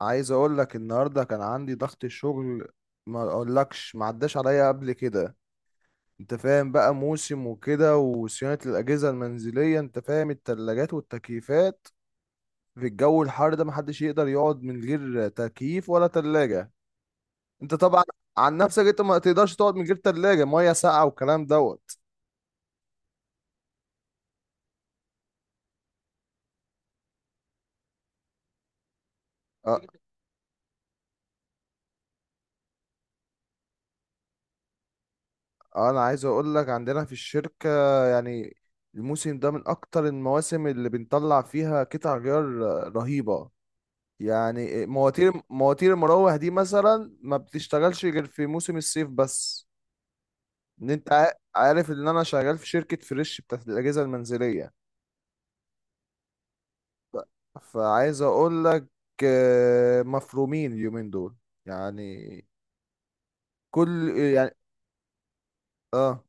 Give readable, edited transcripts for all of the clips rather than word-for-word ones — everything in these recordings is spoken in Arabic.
عايز اقول لك النهارده كان عندي ضغط الشغل، ما اقولكش ما عداش عليا قبل كده. انت فاهم بقى موسم وكده وصيانه الاجهزه المنزليه، انت فاهم التلاجات والتكييفات. في الجو الحار ده محدش يقدر يقعد من غير تكييف ولا تلاجه. انت طبعا عن نفسك انت ما تقدرش تقعد من غير تلاجه ميه ساقعه والكلام دوت. أ- انا عايز اقول لك عندنا في الشركه، يعني الموسم ده من اكتر المواسم اللي بنطلع فيها قطع غيار رهيبه. يعني مواتير المراوح دي مثلا ما بتشتغلش غير في موسم الصيف بس. عارف ان انا شغال في شركة فريش بتاعت الاجهزة المنزلية. فعايز اقول لك مفرومين اليومين دول. يعني كل، يعني اه،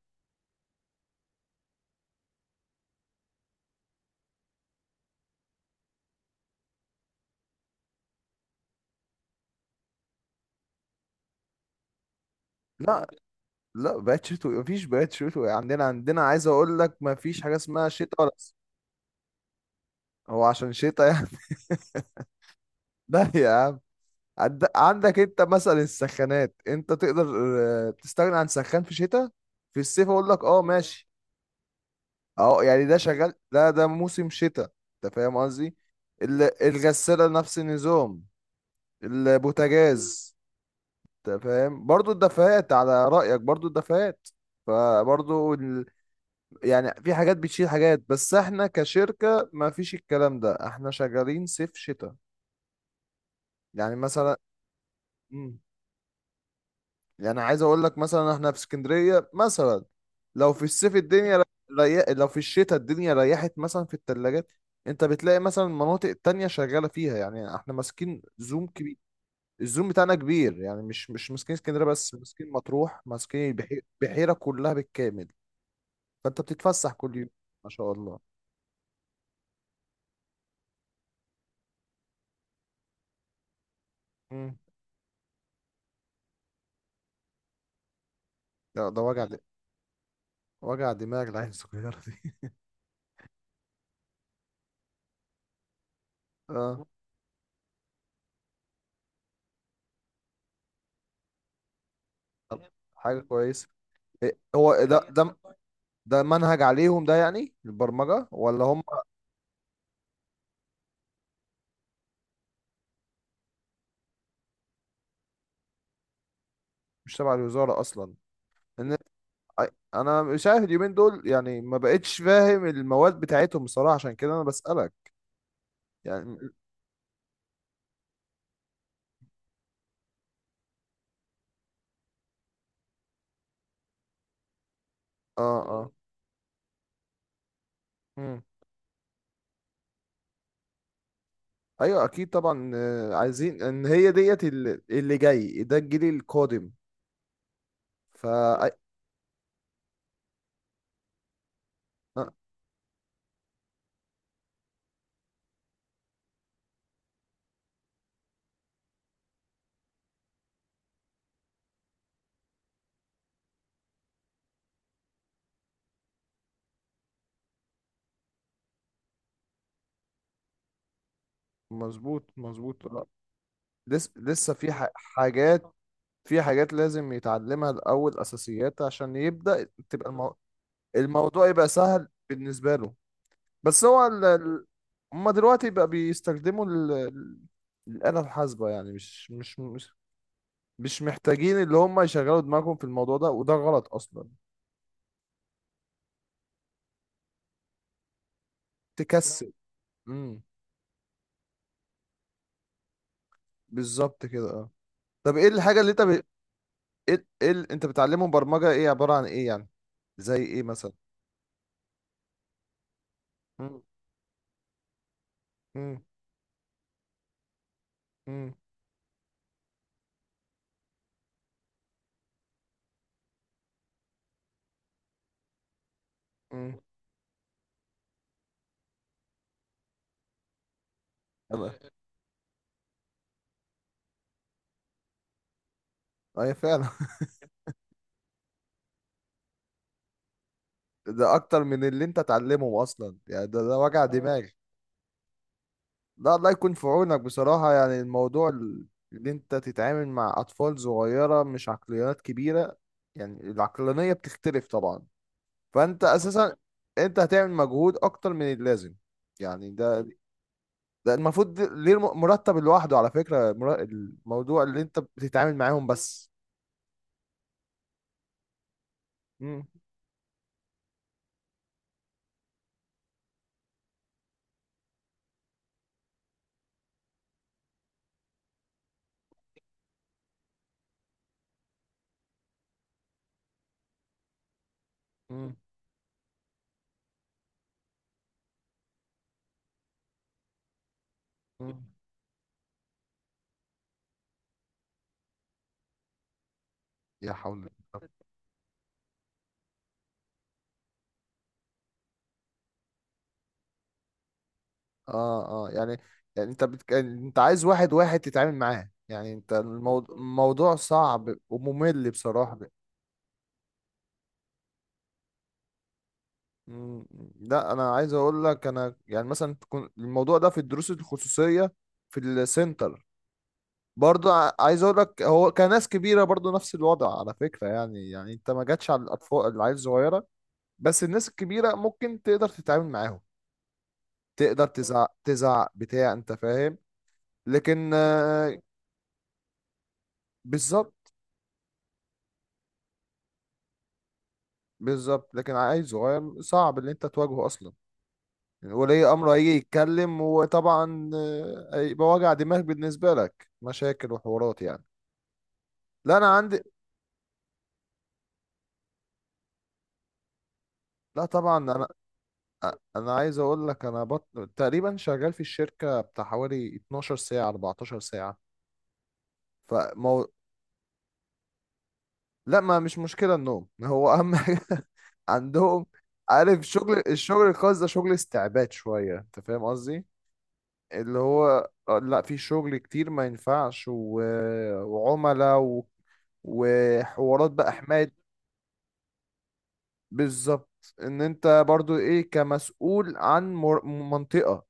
لا. لا بقت شتوي، مفيش بقت شتوي عندنا. عندنا عايز اقول لك مفيش حاجة اسمها شتاء ولا صيف. هو عشان شتاء يعني. لا يا عم. عندك انت مثلا السخانات، انت تقدر تستغنى عن سخان في شتاء. في الصيف اقول لك اه ماشي. اه يعني ده شغال، ده موسم شتاء. انت فاهم قصدي. ال- الغسالة نفس النظام، البوتاجاز. انت فاهم برضو الدفايات، على رأيك برضو الدفايات. فبرضو ال... يعني في حاجات بتشيل حاجات، بس احنا كشركة ما فيش الكلام ده، احنا شغالين صيف شتاء. يعني مثلا، يعني عايز اقول لك مثلا احنا في اسكندريه مثلا، لو في الشتاء الدنيا ريحت مثلا في الثلاجات، انت بتلاقي مثلا المناطق التانية شغاله فيها. يعني احنا ماسكين زوم كبير، الزوم بتاعنا كبير. يعني مش ماسكين اسكندريه بس، ماسكين مطروح، ماسكين البحيره كلها بالكامل. فانت بتتفسح كل يوم، ما شاء الله. مم. ده وجع دماغ العين الصغيره دي. اه، طب حاجه كويسه. هو ده ده منهج عليهم، ده يعني البرمجه ولا هم مش تبع الوزارة أصلا؟ إن أنا مش عارف اليومين دول، يعني ما بقتش فاهم المواد بتاعتهم بصراحة، عشان كده أنا بسألك يعني. آه. مم. أيوه أكيد طبعا، عايزين إن هي ديت اللي جاي ده الجيل القادم. فا أي- آه، مظبوط مظبوط. لسه في حاجات، في حاجات لازم يتعلمها الأول، أساسيات عشان يبدأ الموضوع يبقى سهل بالنسبة له. بس هو ال... ال- هما دلوقتي بقى بيستخدموا الآلة الحاسبة. يعني مش مش محتاجين اللي هما يشغلوا دماغهم في الموضوع ده، وده غلط أصلا. تكسل. امم، بالظبط كده، اه. طب ايه الحاجة اللي إيه اللي انت بتعلمهم برمجة، ايه عبارة عن ايه يعني؟ زي ايه مثلا؟ امم امم امم امم. ايوه فعلا. ده اكتر من اللي انت تعلمه اصلا، يعني ده وجع دماغ. لا الله يكون في عونك بصراحة. يعني اللي انت تتعامل مع أطفال صغيرة مش عقليات كبيرة، يعني العقلانية بتختلف طبعا. فانت أساسا انت هتعمل مجهود أكتر من اللازم. يعني ده المفروض مرتب لوحده على فكرة، الموضوع اللي انت بتتعامل معاهم بس. مم. مم. مم. يا حول الله. اه اه يعني، يعني انت عايز واحد واحد تتعامل معاه. يعني انت الموضوع صعب وممل بصراحة. مم. لا انا عايز اقول لك، انا يعني مثلا الموضوع ده في الدروس الخصوصيه، في السنتر، برضه عايز اقول لك هو كناس كبيره برضه نفس الوضع على فكره. يعني يعني انت ما جاتش على الاطفال العيال الصغيره، بس الناس الكبيره ممكن تقدر تتعامل معاهم. تقدر تزعق، تزعق بتاع انت فاهم. لكن بالظبط. بالظبط، لكن عيل صغير صعب ان انت تواجهه اصلا. ولي امره هيجي يتكلم وطبعا هيبقى وجع دماغ بالنسبه لك، مشاكل وحوارات يعني. لا انا عندي، لا طبعا انا، انا عايز اقول لك انا بط... تقريبا شغال في الشركه بتاع حوالي 12 ساعه 14 ساعه. فمو... لا، ما مش مشكله النوم. هو اهم حاجه. عندهم. عارف، الشغل الخاص ده شغل استعباد شويه، انت فاهم قصدي. اللي هو لا في شغل كتير ما ينفعش وعملاء وحوارات بقى حماية. بالظبط، ان انت برضو ايه كمسؤول عن منطقة.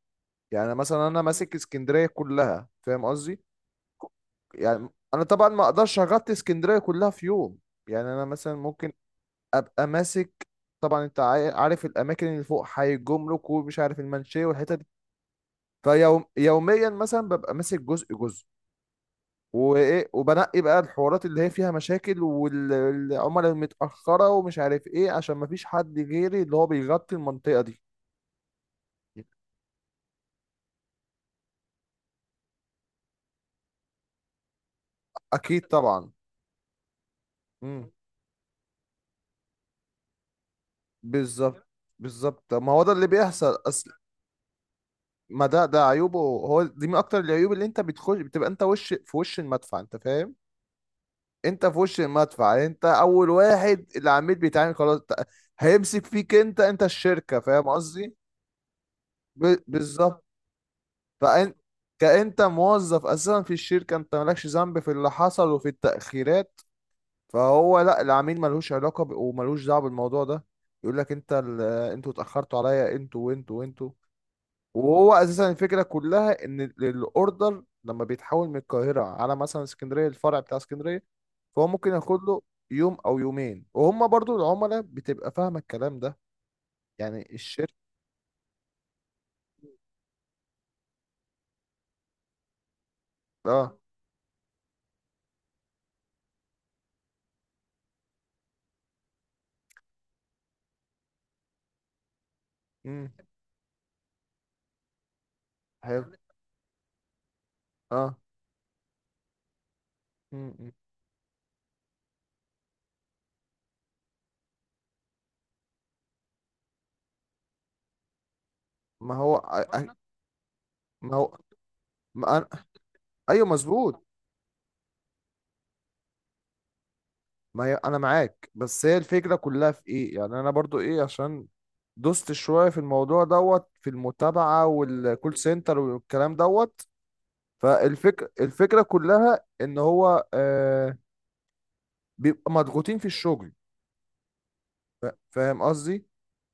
يعني مثلا انا ماسك اسكندريه كلها، فاهم قصدي. يعني انا طبعا ما اقدرش اغطي اسكندريه كلها في يوم. يعني انا مثلا ممكن ابقى ماسك، طبعا انت عارف الاماكن اللي فوق حي الجمرك، ومش عارف المنشيه والحتت دي. فيوم يوميا مثلا ببقى ماسك جزء، وايه وبنقي بقى الحوارات اللي هي فيها مشاكل والعملاء المتاخره ومش عارف ايه، عشان ما فيش حد غيري اللي هو بيغطي المنطقه دي. اكيد طبعا. امم. بالظبط. بالظبط، طب ما هو ده اللي بيحصل ما ده عيوبه. هو دي من اكتر العيوب، اللي انت بتخش بتبقى انت وش في وش المدفع، انت فاهم. انت في وش المدفع، انت اول واحد العميل بيتعامل. خلاص هيمسك فيك. انت انت الشركة، فاهم قصدي. بالظبط. فانت كأنت موظف اساسا في الشركة، انت مالكش ذنب في اللي حصل وفي التأخيرات. فهو لا، العميل ملوش علاقة وملوش دعوة بالموضوع ده. يقول لك انتوا اتأخرتوا عليا، انتوا وانتوا وانتوا. وهو اساسا الفكره كلها ان الاوردر لما بيتحول من القاهره على مثلا اسكندريه، الفرع بتاع اسكندريه، فهو ممكن ياخد له يوم او يومين. وهم برضو العملاء بتبقى فاهمه الكلام ده، يعني الشركه. اه. امم. حلو، اه. مم، مم. ما هو أ- أ- ما هو ما أنا، ايوه مظبوط. ما هي انا معاك، بس هي الفكره كلها في ايه؟ يعني انا برضو ايه، عشان دوست شويه في الموضوع دوت، في المتابعه والكول سنتر والكلام دوت. فالفكرة كلها ان هو آه بيبقى مضغوطين في الشغل، فاهم قصدي.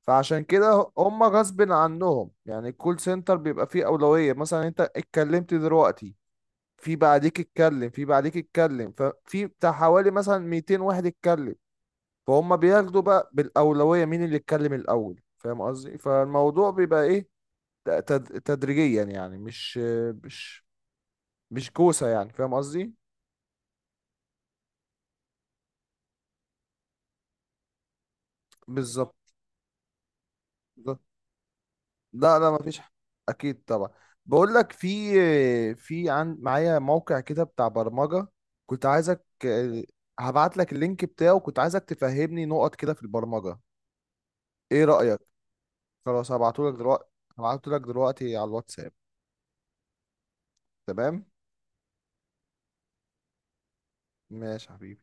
فعشان كده هم غصب عنهم، يعني الكول سنتر بيبقى فيه أولوية. مثلا انت اتكلمت دلوقتي، في بعديك اتكلم، في بعديك اتكلم، ففي بتاع حوالي مثلا 200 واحد اتكلم. فهم بياخدوا بقى بالأولوية مين اللي اتكلم الأول، فاهم قصدي. فالموضوع بيبقى ايه، تدريجيا. يعني مش مش كوسة يعني، فاهم قصدي. بالظبط. لا لا مفيش اكيد طبعا. بقول لك، في عن معايا موقع كده بتاع برمجة، كنت عايزك، هبعت لك اللينك بتاعه، كنت عايزك تفهمني نقط كده في البرمجة. ايه رأيك؟ خلاص هبعته لك دلوقتي، هبعته لك دلوقتي على الواتساب. تمام. ماشي يا حبيبي.